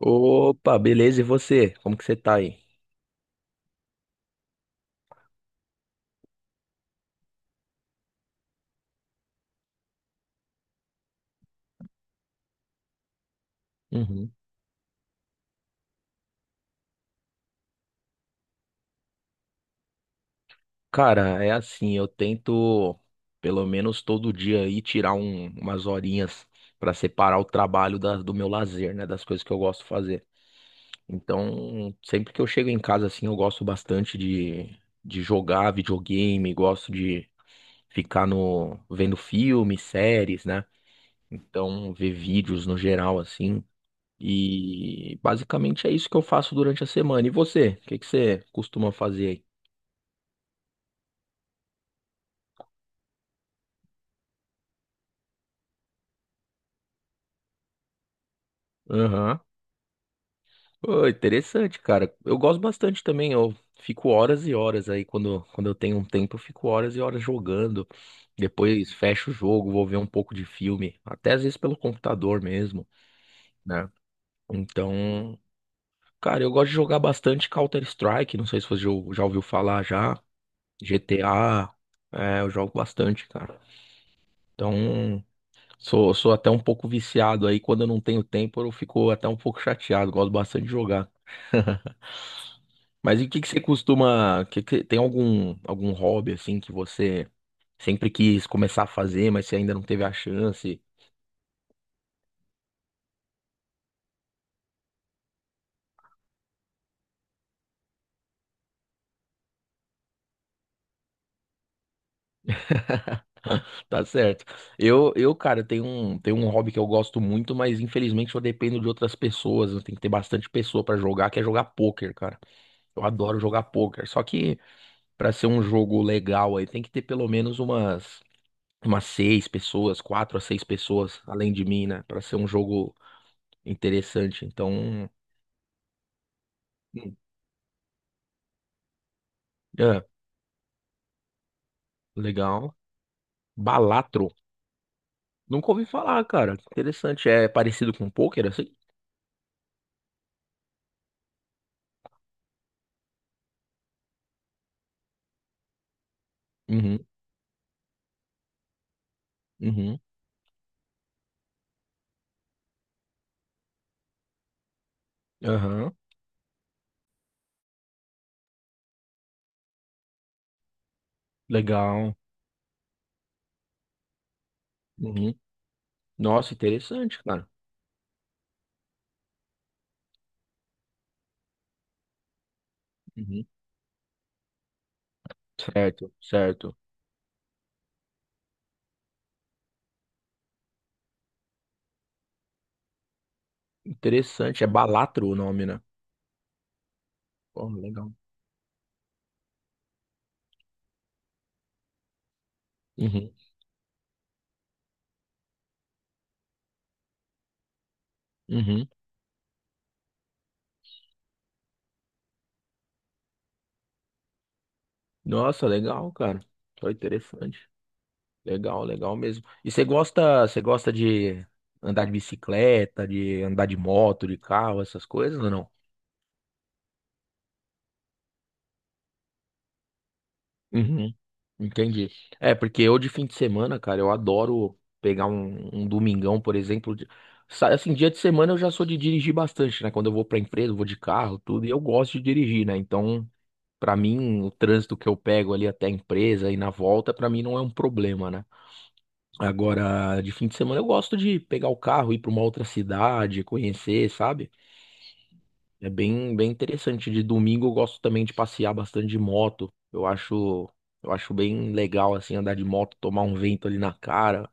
Opa, beleza? E você? Como que você tá aí? Uhum. Cara, é assim, eu tento pelo menos todo dia aí tirar umas horinhas pra separar o trabalho do meu lazer, né, das coisas que eu gosto de fazer. Então, sempre que eu chego em casa assim, eu gosto bastante de jogar videogame, gosto de ficar no vendo filmes, séries, né? Então, ver vídeos no geral assim. E basicamente é isso que eu faço durante a semana. E você? O que que você costuma fazer aí? Aham. Pô, interessante, cara. Eu gosto bastante também. Eu fico horas e horas aí. Quando eu tenho um tempo, eu fico horas e horas jogando. Depois fecho o jogo, vou ver um pouco de filme. Até às vezes pelo computador mesmo, né? Então, cara, eu gosto de jogar bastante Counter-Strike. Não sei se você já ouviu falar já. GTA. É, eu jogo bastante, cara. Então. Sou até um pouco viciado aí. Quando eu não tenho tempo, eu fico até um pouco chateado. Gosto bastante de jogar. Mas e o que que você costuma. Tem algum, algum hobby assim que você sempre quis começar a fazer, mas você ainda não teve a chance? Tá certo. Cara, tenho um hobby que eu gosto muito, mas infelizmente eu dependo de outras pessoas. Eu tenho que ter bastante pessoa pra jogar, que é jogar pôquer, cara. Eu adoro jogar pôquer. Só que pra ser um jogo legal aí, tem que ter pelo menos umas. Umas seis pessoas, quatro a seis pessoas, além de mim, né? Pra ser um jogo interessante. Então, hum, é, legal. Balatro. Nunca ouvi falar, cara. Que interessante. É parecido com pôquer, assim? Uhum, uhum, aham. Legal. Uhum. Nossa, interessante, cara. Uhum. Certo, certo. Interessante. É Balatro o nome, né? Pô, legal. Uhum, uhum. Nossa, legal, cara. Foi interessante. Legal, legal mesmo. E você gosta de andar de bicicleta, de andar de moto, de carro, essas coisas ou não? Uhum. Entendi. É, porque eu de fim de semana, cara, eu adoro pegar um, um domingão, por exemplo. Assim, dia de semana eu já sou de dirigir bastante, né? Quando eu vou pra empresa, eu vou de carro, tudo, e eu gosto de dirigir, né? Então, pra mim, o trânsito que eu pego ali até a empresa e na volta, pra mim não é um problema, né? Agora, de fim de semana, eu gosto de pegar o carro, ir para uma outra cidade, conhecer, sabe? É bem, bem interessante. De domingo, eu gosto também de passear bastante de moto. Eu acho bem legal, assim, andar de moto, tomar um vento ali na cara.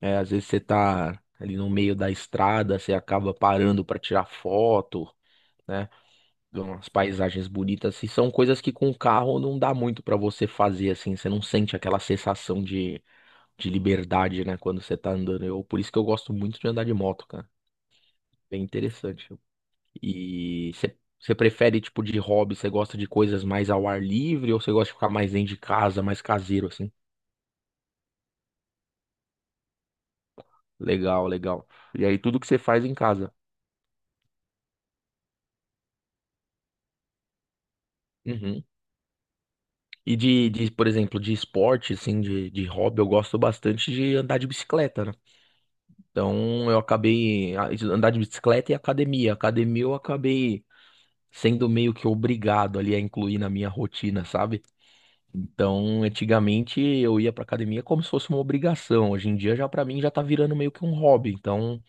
É, às vezes você tá ali no meio da estrada, você acaba parando para tirar foto, né? Ver umas paisagens bonitas. E são coisas que com o carro não dá muito para você fazer, assim. Você não sente aquela sensação de liberdade, né, quando você tá andando. Eu, por isso que eu gosto muito de andar de moto, cara. Bem interessante. E você você prefere tipo de hobby? Você gosta de coisas mais ao ar livre ou você gosta de ficar mais dentro de casa, mais caseiro assim? Legal, legal. E aí tudo que você faz em casa. Uhum. E por exemplo, de esporte, assim, de hobby, eu gosto bastante de andar de bicicleta, né? Então eu acabei andar de bicicleta e academia. Academia eu acabei sendo meio que obrigado ali a incluir na minha rotina, sabe? Então, antigamente eu ia pra academia como se fosse uma obrigação. Hoje em dia já pra mim já tá virando meio que um hobby. Então,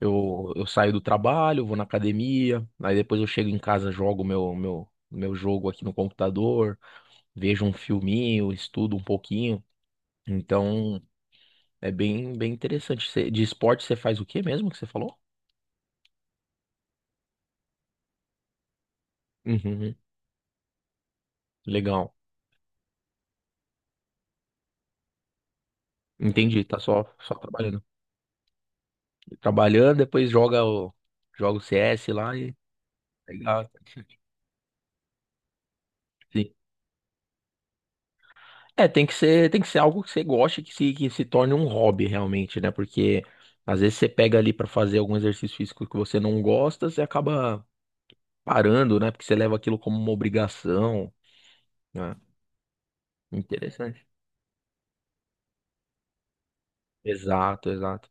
eu saio do trabalho, vou na academia, aí depois eu chego em casa, jogo meu jogo aqui no computador, vejo um filminho, estudo um pouquinho. Então, é bem bem interessante. De esporte você faz o quê mesmo que você falou? Uhum, legal. Entendi, tá só trabalhando. Trabalhando, depois joga o joga o CS lá e legal. Sim. É, tem que ser algo que você goste, que se torne um hobby realmente, né? Porque às vezes você pega ali pra fazer algum exercício físico que você não gosta, você acaba parando, né? Porque você leva aquilo como uma obrigação, né? Interessante. Exato, exato.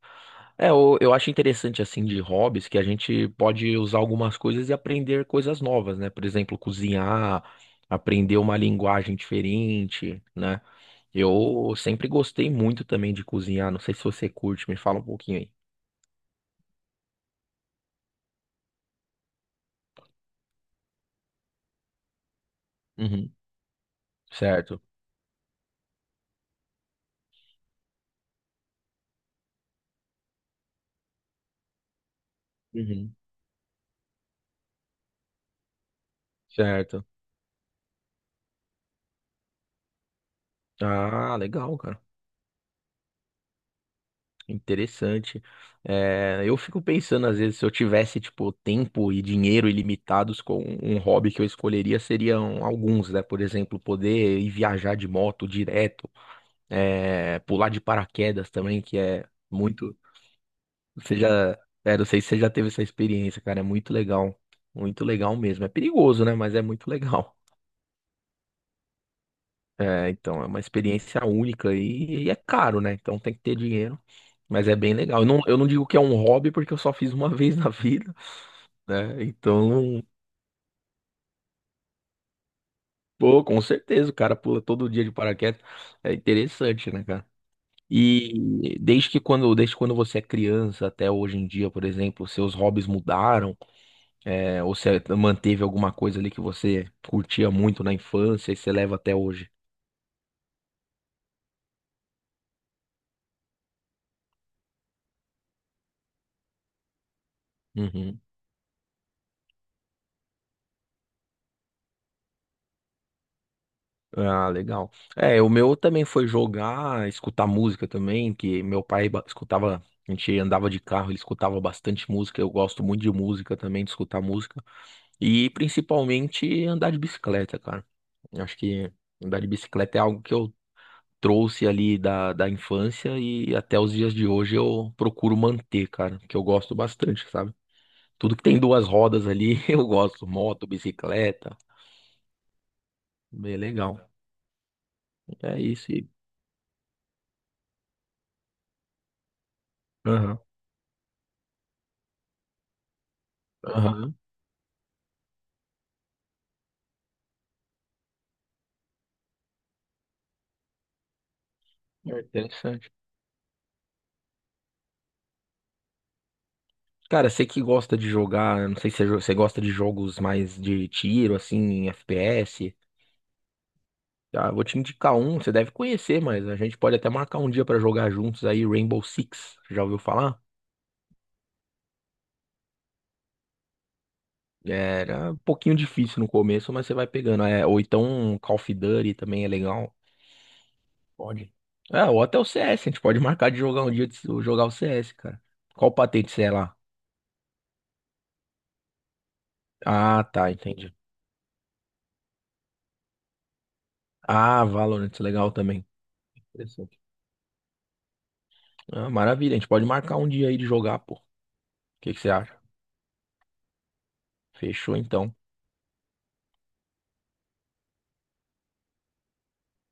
É, eu acho interessante assim de hobbies que a gente pode usar algumas coisas e aprender coisas novas, né? Por exemplo, cozinhar, aprender uma linguagem diferente, né? Eu sempre gostei muito também de cozinhar. Não sei se você curte, me fala um pouquinho aí. Uhum. Certo. Uhum. Certo. Ah, legal, cara. Interessante. É, eu fico pensando, às vezes, se eu tivesse, tipo, tempo e dinheiro ilimitados com um hobby que eu escolheria, seriam alguns, né? Por exemplo, poder ir viajar de moto direto, é, pular de paraquedas também, que é muito. Você já, é, não sei se você já teve essa experiência, cara, é muito legal. Muito legal mesmo. É perigoso, né? Mas é muito legal. É, então, é uma experiência única e é caro, né? Então tem que ter dinheiro, mas é bem legal. Eu não digo que é um hobby porque eu só fiz uma vez na vida, né? Então, pô, com certeza, o cara pula todo dia de paraquedas. É interessante, né, cara? E desde quando você é criança até hoje em dia, por exemplo, seus hobbies mudaram, é, ou você manteve alguma coisa ali que você curtia muito na infância e você leva até hoje? Uhum. Ah, legal. É, o meu também foi jogar, escutar música também, que meu pai escutava, a gente andava de carro, ele escutava bastante música, eu gosto muito de música também, de escutar música. E principalmente andar de bicicleta, cara. Eu acho que andar de bicicleta é algo que eu trouxe ali da infância e até os dias de hoje eu procuro manter, cara, que eu gosto bastante, sabe? Tudo que tem duas rodas ali, eu gosto, moto, bicicleta, bem legal. É isso e... Aham. Aham. É interessante. Cara, você que gosta de jogar, não sei se você você gosta de jogos mais de tiro, assim, FPS. Tá, vou te indicar um, você deve conhecer, mas a gente pode até marcar um dia pra jogar juntos aí, Rainbow Six. Já ouviu falar? Era um pouquinho difícil no começo, mas você vai pegando. É, ou então Call of Duty também é legal. Pode. É, ou até o CS, a gente pode marcar de jogar um dia de se- jogar o CS, cara. Qual patente você é lá? Ah, tá, entendi. Ah, Valorant, legal também. Ah, maravilha, a gente pode marcar um dia aí de jogar, pô. O que que você acha? Fechou então.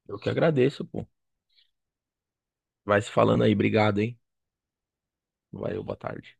Eu que agradeço, pô. Vai se falando aí, obrigado, hein? Valeu, boa tarde.